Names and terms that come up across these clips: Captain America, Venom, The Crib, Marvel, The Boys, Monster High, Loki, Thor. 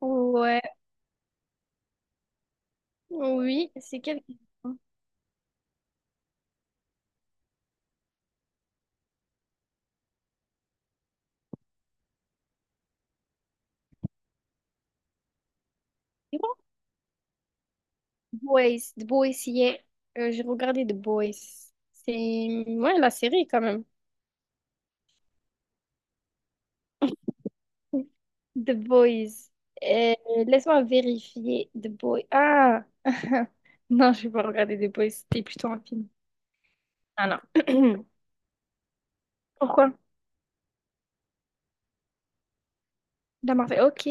Ouais, oui, c'est quel... C'est quoi? Boys, The Boys, yeah. J'ai regardé The Boys. C'est, ouais, la série quand même. The Boys. Euh, laisse-moi vérifier The Boys. Ah! Non, je vais pas regarder The Boys. C'était plutôt un film. Ah non. Pourquoi? La Marvel. Ok.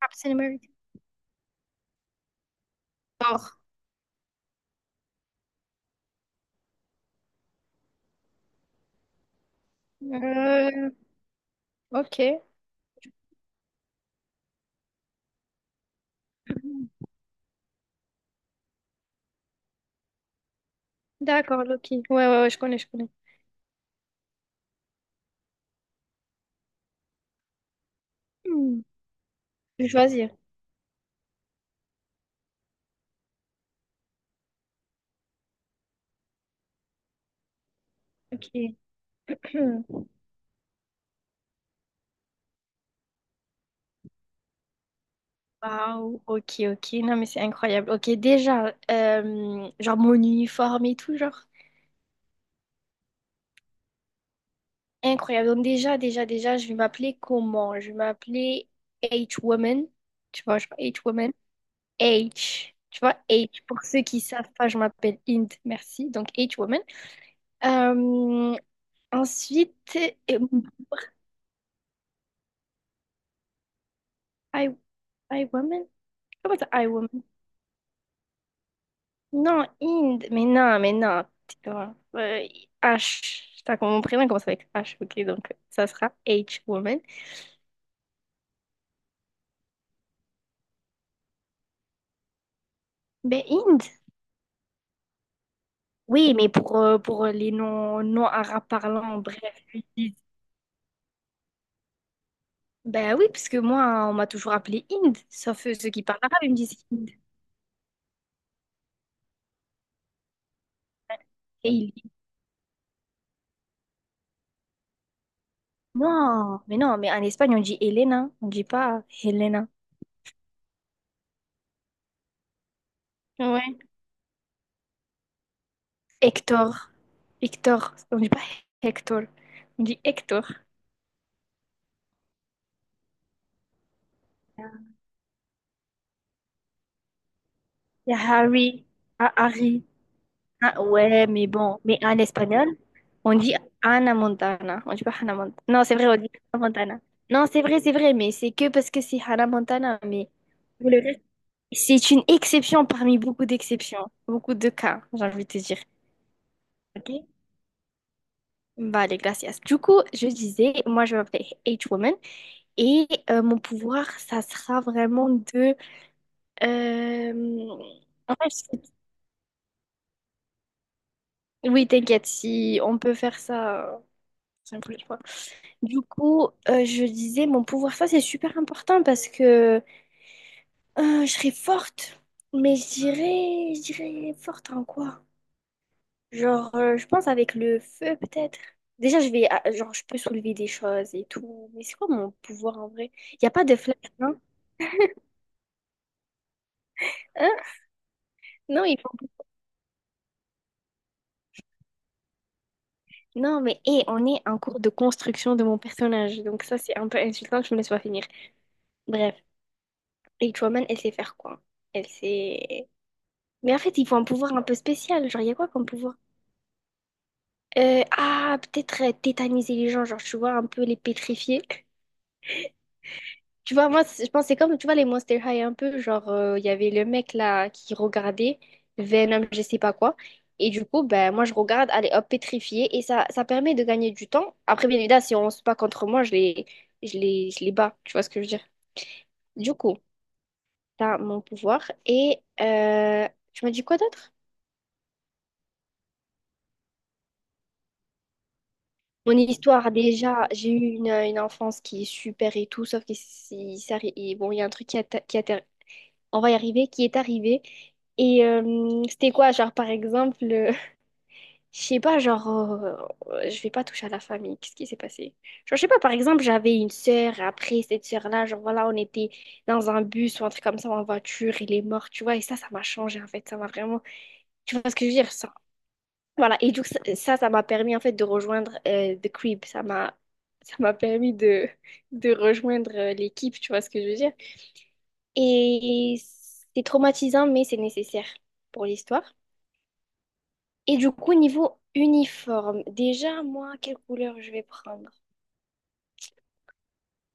Captain America. Thor. Euh, ok. D'accord, Loki. Ouais, ouais, ouais, je connais, je connais. Hmm. Je vais choisir. Ok. Waouh, ok, ok. Non, mais c'est incroyable. Ok, déjà, genre mon uniforme et tout, genre, incroyable. Donc, déjà, je vais m'appeler comment? Je vais m'appeler H-Woman. Tu vois, genre H-Woman. H. Tu vois, H. Pour ceux qui savent pas, je m'appelle Int. Merci. Donc, H-Woman. Euh, ensuite, euh, I, I Woman? Comment ça, I Woman? Non, Inde. Mais non, mais non. Tais-toi. H. T'as comme mon prénom commence avec H, ok, donc ça sera H, woman. Mais Inde. Oui, mais pour les non, non arabes parlants, bref, ils disent- Ben oui, parce que moi, on m'a toujours appelé Inde, sauf ceux qui parlent arabe, ils me disent Inde. Et ils disent, non, mais non, mais en Espagne, on dit Elena, on dit pas Helena. Ouais. Hector. Hector, on dit pas Hector, on dit Hector. Il y a Harry, ah, Harry. Ah, ouais, mais bon, mais en espagnol, on dit Ana Montana. On dit pas Hannah Montana. Non, c'est vrai, on dit Hannah Montana. Non, c'est vrai, mais c'est que parce que c'est Hannah Montana. Mais pour le reste, c'est une exception parmi beaucoup d'exceptions, beaucoup de cas, j'ai envie de te dire. Ok? Vale, gracias. Du coup, je disais, moi je m'appelle H-Woman et mon pouvoir, ça sera vraiment de. euh, en fait, je- oui, t'inquiète, si on peut faire ça une prochaine fois. Du coup, je disais, mon pouvoir, ça c'est super important parce que je serais forte, mais je dirais forte en quoi? Genre, je pense avec le feu peut-être. Déjà, je vais, ah, genre, je peux soulever des choses et tout, mais c'est quoi mon pouvoir en vrai? Il n'y a pas de flash, non? Hein? Non, il faut... Non, mais hé, on est en cours de construction de mon personnage, donc ça c'est un peu insultant que je me laisse pas finir. Bref, Eight Woman, elle sait faire quoi? Elle sait... Mais en fait, il faut un pouvoir un peu spécial, genre, il y a quoi comme pouvoir? Peut-être tétaniser les gens, genre, tu vois, un peu les pétrifier. Tu vois, moi, c'est- je pense que c'est comme, tu vois, les Monster High, un peu, genre, il y avait le mec, là, qui regardait Venom, je sais pas quoi. Et du coup, ben, moi, je regarde, allez, hop, pétrifier. Et ça permet de gagner du temps. Après, bien évidemment, si on se bat contre moi, je les bats. Tu vois ce que je veux dire? Du coup, t'as mon pouvoir. Et tu m'as dit quoi d'autre? Mon histoire, déjà, j'ai eu une enfance qui est super et tout, sauf que c'est- ça arri- et bon, il y a un truc qui a, ta- qui a ter- on va y arriver, qui est arrivé. Et c'était quoi, genre, par exemple, je sais pas, genre, je vais pas toucher à la famille, qu'est-ce qui s'est passé? Genre, je sais pas, par exemple, j'avais une sœur, après cette sœur-là, genre, voilà, on était dans un bus ou un truc comme ça, en voiture, il est mort, tu vois, et ça m'a changé, en fait, ça m'a vraiment, tu vois ce que je veux dire? Voilà, et du coup, ça m'a permis en fait de rejoindre The Crib. Ça m'a ça m'a permis de rejoindre l'équipe, tu vois ce que je veux dire. Et c'est traumatisant, mais c'est nécessaire pour l'histoire. Et du coup, niveau uniforme, déjà, moi, quelle couleur je vais prendre?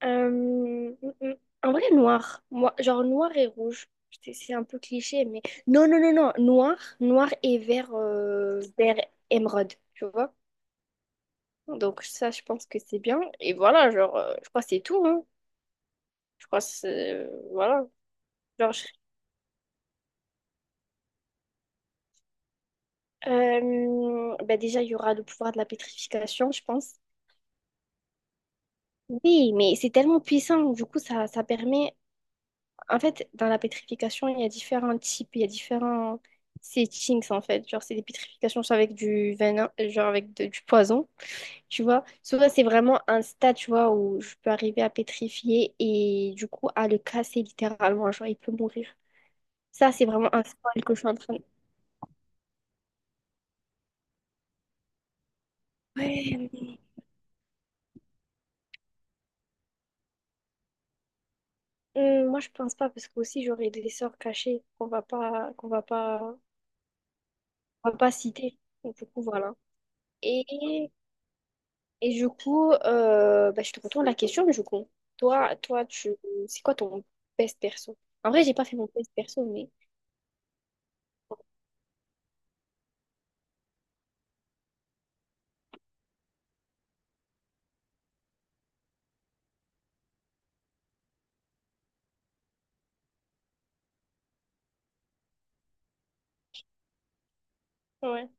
Euh, mm, mm, en vrai, noir. Moi, genre noir et rouge. C'est un peu cliché, mais... Non, non, non, non. Noir, noir et vert, vert émeraude, tu vois? Donc ça, je pense que c'est bien. Et voilà, genre, je crois que c'est tout, hein. Je crois que c'est... voilà. Genre, je- bah déjà, il y aura le pouvoir de la pétrification, je pense. Oui, mais c'est tellement puissant. Du coup, ça permet... En fait, dans la pétrification, il y a différents types, il y a différents settings, en fait. Genre, c'est des pétrifications soit avec du venin, genre avec de- du poison, tu vois. Soit c'est vraiment un stade, tu vois, où je peux arriver à pétrifier et du coup, à le casser littéralement. Genre, il peut mourir. Ça, c'est vraiment un spoil que je suis en train de... Ouais, mais... moi, je pense pas, parce que aussi, j'aurais des sorts cachés qu'on va pas citer. Donc, du coup, voilà. Et Et du coup, bah, je te retourne la question, mais du coup, tu, c'est quoi ton best perso? En vrai, j'ai pas fait mon best perso, mais ouais.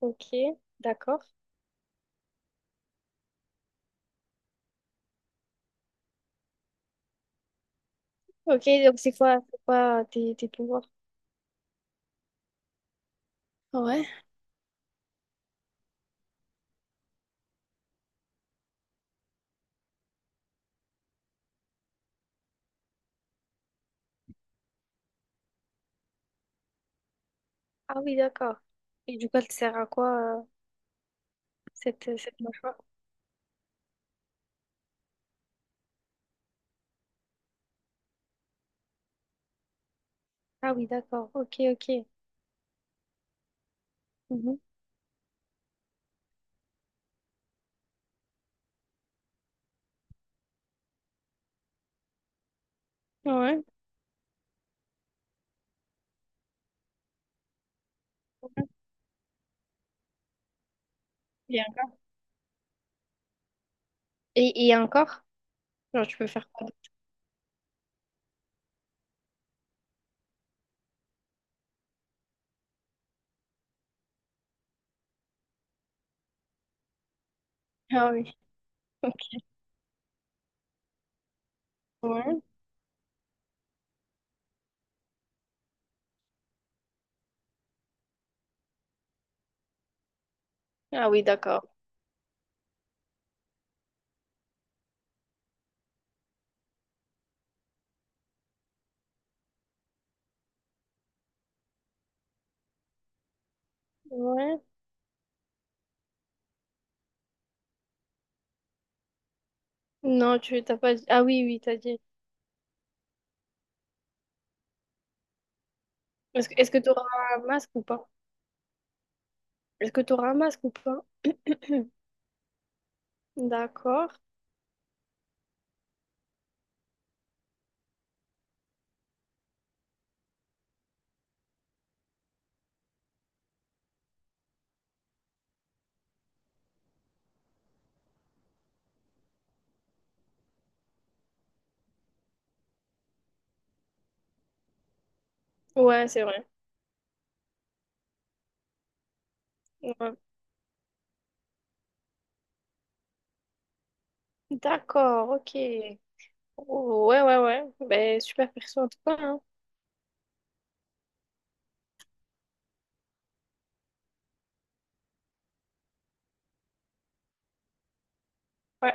Ok, d'accord. Ok, donc c'est quoi tes, tes pouvoirs? Ouais. Ah oui, d'accord. Et du coup, elle te sert à quoi, cette, cette mâchoire? Ah oui, d'accord. Ok, ok. Mhm. Ouais. Bien. Et encore? Genre, tu peux faire quoi d'autre? Ah oui. Ok. Ouais. Ah oui, d'accord. Ouais. Non, tu t'as pas dit. Ah oui, oui, t'as dit. Est-ce que t'auras un masque ou pas? Est-ce que t'auras un masque ou pas? D'accord. Ouais, c'est vrai. Ouais. D'accord, ok. Oh, ouais, ouais, ouais. Ben, super perso en tout cas, hein. Ouais.